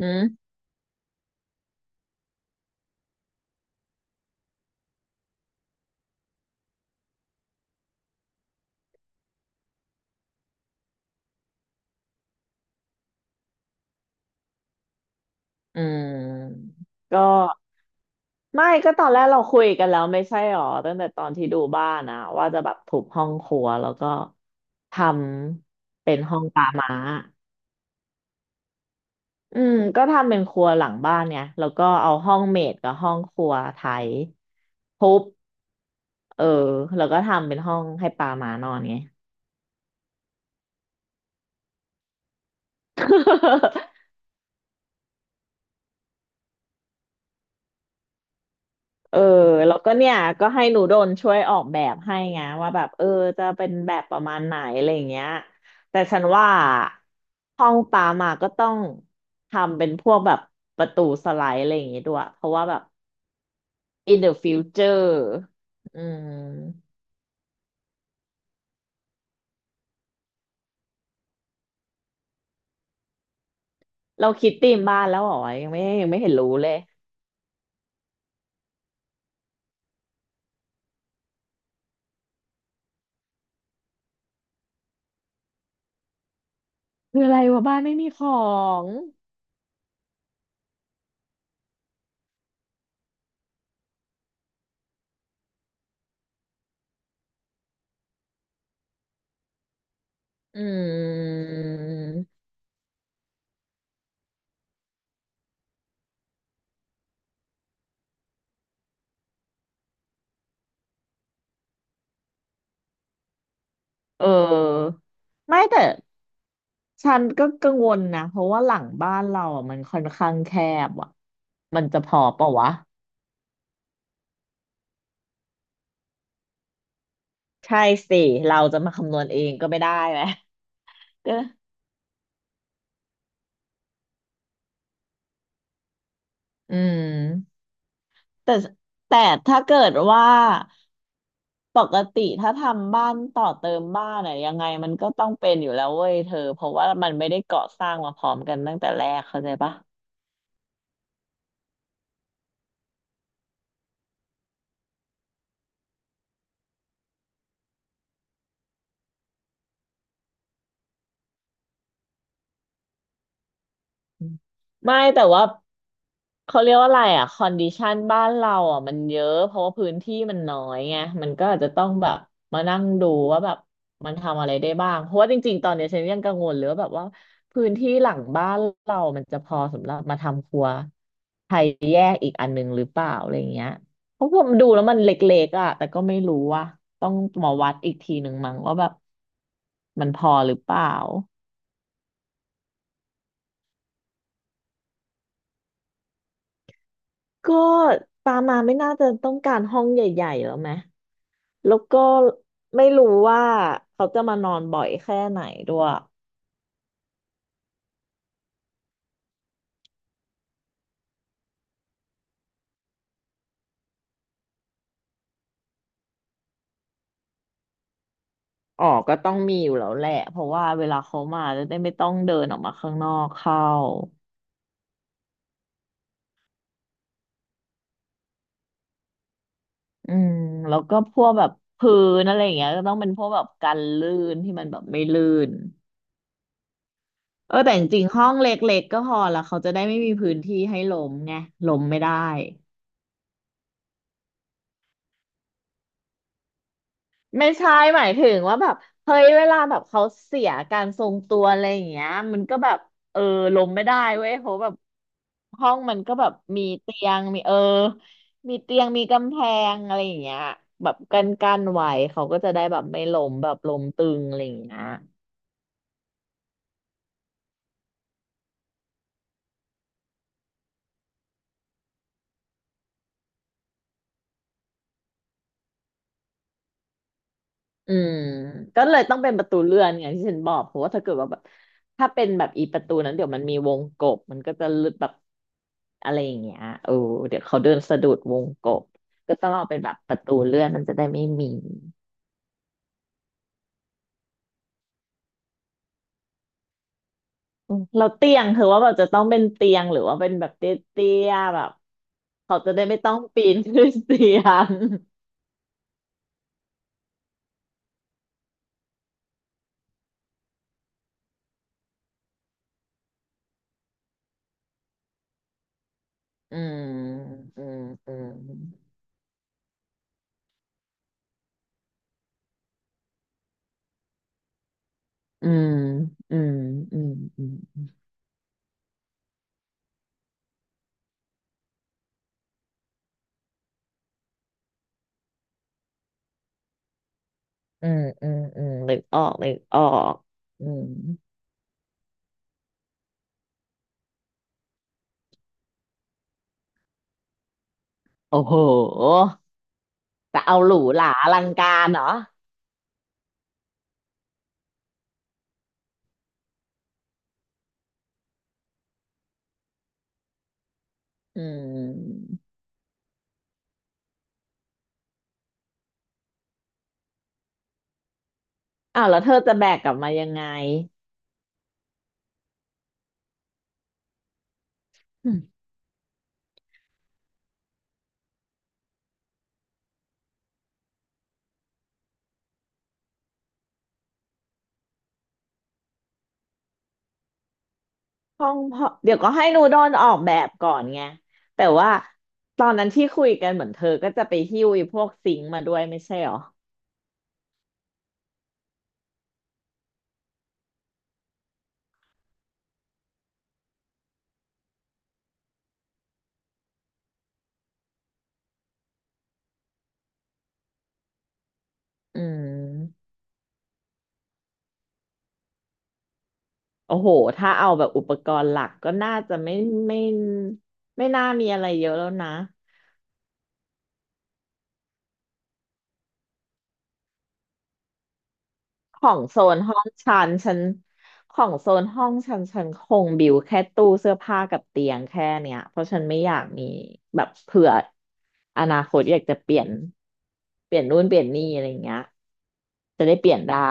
อืมอืมก็ไม่ก็ตอนแรกเราคุยกันแล้วไม่ใช่หรอตั้งแต่ตอนที่ดูบ้านนะว่าจะแบบทุบห้องครัวแล้วก็ทำเป็นห้องปลาม้าอืมก็ทำเป็นครัวหลังบ้านไงแล้วก็เอาห้องเมดกับห้องครัวไทยทุบเออแล้วก็ทำเป็นห้องให้ปลาม้านอนไง เออแล้วก็เนี่ยก็ให้หนูโดนช่วยออกแบบให้ไงว่าแบบเออจะเป็นแบบประมาณไหนอะไรอย่างเงี้ยแต่ฉันว่าห้องปามาก็ต้องทำเป็นพวกแบบประตูสไลด์อะไรอย่างงี้ด้วยเพราะว่าแบบ in the future อืมเราคิดธีมบ้านแล้วเหรอยังไม่ยังไม่เห็นรู้เลยคืออะไรวะบ้านไม่มีของอืมเออไม่แต่ ฉันก็กังวลนะเพราะว่าหลังบ้านเราอ่ะมันค่อนข้างแคบอ่ะมันจะพอเปะวะใช่สิเราจะมาคำนวณเองก็ไม่ได้ไหม ก็อืมแต่แต่ถ้าเกิดว่าปกติถ้าทำบ้านต่อเติมบ้านอะยังไงมันก็ต้องเป็นอยู่แล้วเว้ยเธอเพราะว่ามันไม่ได้ก่อสร้างมาพร้อมกันตั้งแต่แรกเข้าใจปะ ไม่แต่ว่าเขาเรียกว่าอะไรอ่ะคอนดิชันบ้านเราอ่ะมันเยอะเพราะว่าพื้นที่มันน้อยไงมันก็อาจจะต้องแบบมานั่งดูว่าแบบมันทำอะไรได้บ้างเพราะว่าจริงๆตอนเนี้ยฉันยังกังวลเลยว่าแบบว่าพื้นที่หลังบ้านเรามันจะพอสำหรับมาทำครัวไทยแยกอีกอันหนึงหรือเปล่าอะไรเงี้ยเพราะผมดูแล้วมันเล็กๆอ่ะแต่ก็ไม่รู้ว่าต้องมาวัดอีกทีหนึ่งมั้งว่าแบบมันพอหรือเปล่า ก็ปามาไม่น่าจะต้องการห้องใหญ่ๆแล้วไหมแล้วก็ไม่รู้ว่าเขาจะมานอนบ่อยแค่ไหนด้วยอ๋อก็ต้องมีอยู่แล้วแหละเพราะว่าเวลาเขามาจะได้ไม่ต้องเดินออกมาข้างนอกเข้าอืมแล้วก็พวกแบบพื้นอะไรอย่างเงี้ยก็ต้องเป็นพวกแบบกันลื่นที่มันแบบไม่ลื่นเออแต่จริงๆห้องเล็กๆก็พอละเขาจะได้ไม่มีพื้นที่ให้ล้มไงล้มไม่ได้ ไม่ใช่หมายถึงว่าแบบเฮ้ยเวลาแบบเขาเสียการทรงตัวอะไรอย่างเงี้ยมันก็แบบเออลงไม่ได้เว้ยเพราะแบบห้องมันก็แบบมีเตียงมีมีเตียงมีกำแพงอะไรอย่างเงี้ยแบบกันไว้เขาก็จะได้แบบไม่ล้มแบบล้มตึงอะไรอย่างเงี้ยอืมก็เลยต้องเป็นประตูเลื่อนอย่างที่ฉันบอกเพราะว่าถ้าเกิดว่าแบบถ้าเป็นแบบอีประตูนั้นเดี๋ยวมันมีวงกบมันก็จะหลุดแบบ อะไรอย่างเงี้ยเออเดี๋ยวเขาเดินสะดุดวงกบก็ต้องเอาเป็นแบบประตูเลื่อนมันจะได้ไม่มีอืมเราเตียงคือว่าแบบจะต้องเป็นเตียงหรือว่าเป็นแบบเตี้ยๆแบบเขาจะได้ไม่ต้องปีนขึ้นเตียงอืมอืมอืมอืมอืมอืมอืมอืมอืมอืมนึกออกนึกออกอืมโอ้โหแต่เอาหรูหราอลังการเหรออืมอ้าวแล้วเธอจะแบกกลับมายังไง ห้องพ่อเดี๋ยวก็ให้นูโดนออกแบบก่อนไงแต่ว่าตอนนั้นที่คุยกันเหมือนเธอก็จะไปหิ้วไอ้พวกซิงค์มาด้วยไม่ใช่หรออืมโอ้โหถ้าเอาแบบอุปกรณ์หลักก็น่าจะไม่ไม่ไม่น่ามีอะไรเยอะแล้วนะ ของโซนห้องชั้นชั้นของโซนห้องชั้นชั้นคงบิวแค่ตู้เสื้อผ้ากับเตียงแค่เนี้ยเพราะฉันไม่อยากมีแบบเผื่ออนาคตอยากจะเปลี่ยนเปลี่ยนนู่นเปลี่ยนนี่อะไรอย่างเงี้ยจะได้เปลี่ยนได้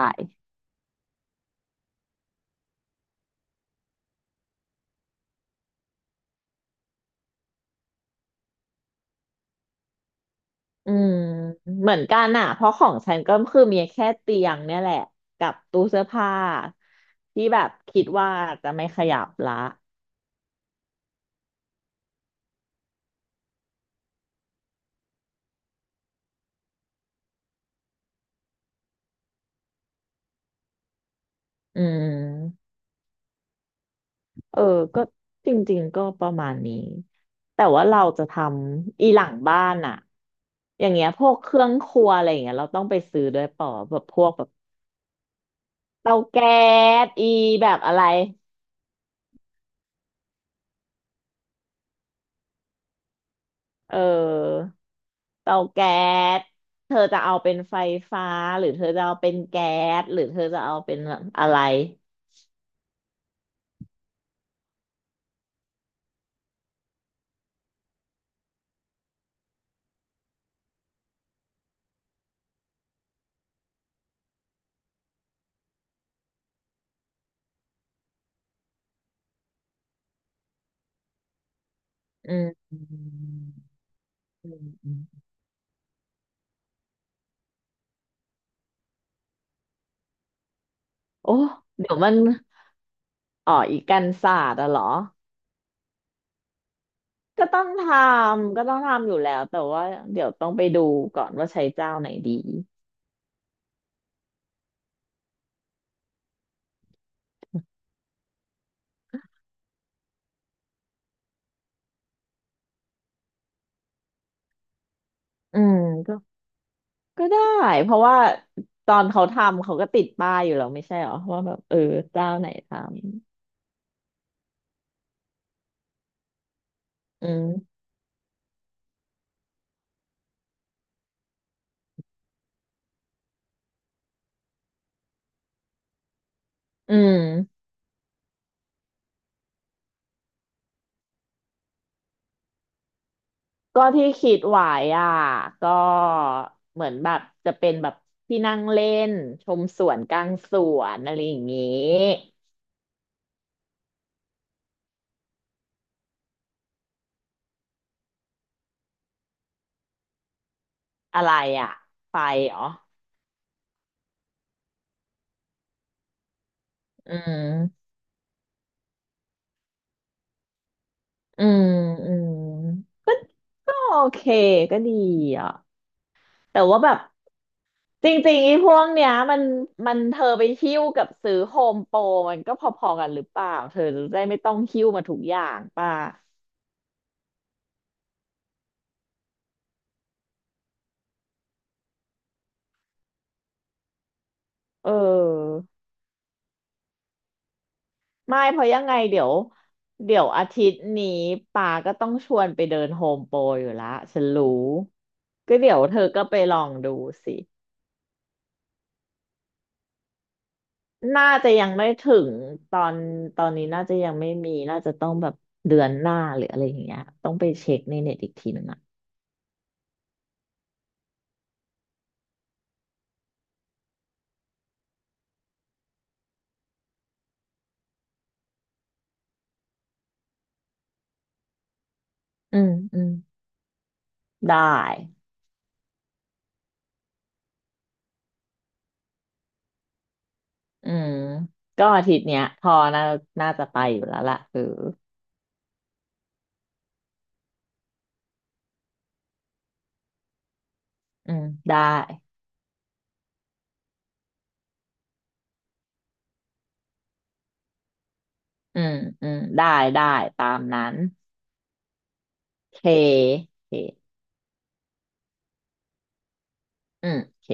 อืมเหมือนกันอ่ะเพราะของฉันก็คือมีแค่เตียงเนี่ยแหละกับตู้เสื้อผ้าที่แบบคิดว่าจะไม่ขยับละอืม เออก็จริงๆ ก็ประมาณนี้แต่ว่าเราจะทำอีหลังบ้านอะอย่างเงี้ยพวกเครื่องครัวอะไรอย่างเงี้ยเราต้องไปซื้อด้วยเปล่าแบบพวกแบบเตาแก๊สอีแบบอะไรเออเตาแก๊สเธอจะเอาเป็นไฟฟ้าหรือเธอจะเอาเป็นแก๊สหรือเธอจะเอาเป็นอะไรอืมอืมอืมอโอ้เดี๋ยวมันอ๋ออีกกันศาสตร์อะเหรอ ก็ต้องทำก็ต้องทำอยู่แล้วแต่ว่าเดี๋ยวต้องไปดูก่อนว่าใช้เจ้าไหนดีอืมก็ก็ได้เพราะว่าตอนเขาทำเขาก็ติดป้ายอยู่แล้วไม่ใช่เหรอว่าแบบเออเจ้าไหนทำอืมอืมก็ที่คิดไว้อ่ะก็เหมือนแบบจะเป็นแบบที่นั่งเล่นชมสวนกลางสวนอะไรอย่างงี้อะไรอ่ะไฟเหรออืมอืมอืมก็โอเคก็ดีอ่ะ แต่ว่าแบบจริงๆไอ้พวกเนี้ยมันเธอไปหิ้วกับซื้อโฮมโปรมันก็พอๆกันหรือเปล่าเธอจะได้ไม่ต้องหิ้วมาทุกอย่างป่ะเออไม่เพราะยังไงเดี๋ยวอาทิตย์นี้ป่าก็ต้องชวนไปเดินโฮมโปรอยู่ละฉันรู้ก็เดี๋ยวเธอก็ไปลองดูสิน่าจะยังไม่ถึงตอนตอนนี้น่าจะยังไม่มีน่าจะต้องแบบเดือนหน้าหรืออะไรอย่างเงี้ยต้องไปเช็คในเน็ตอีกทีหนึ่งอ่ะอืมอืมได้ อืมก็อาทิตย์เนี้ยพอน่าน่าจะไปอยู่แล้วล่ะเอออืมได้อืมอืมได้ได้ตามนั้นเคโอเคอืมโอเค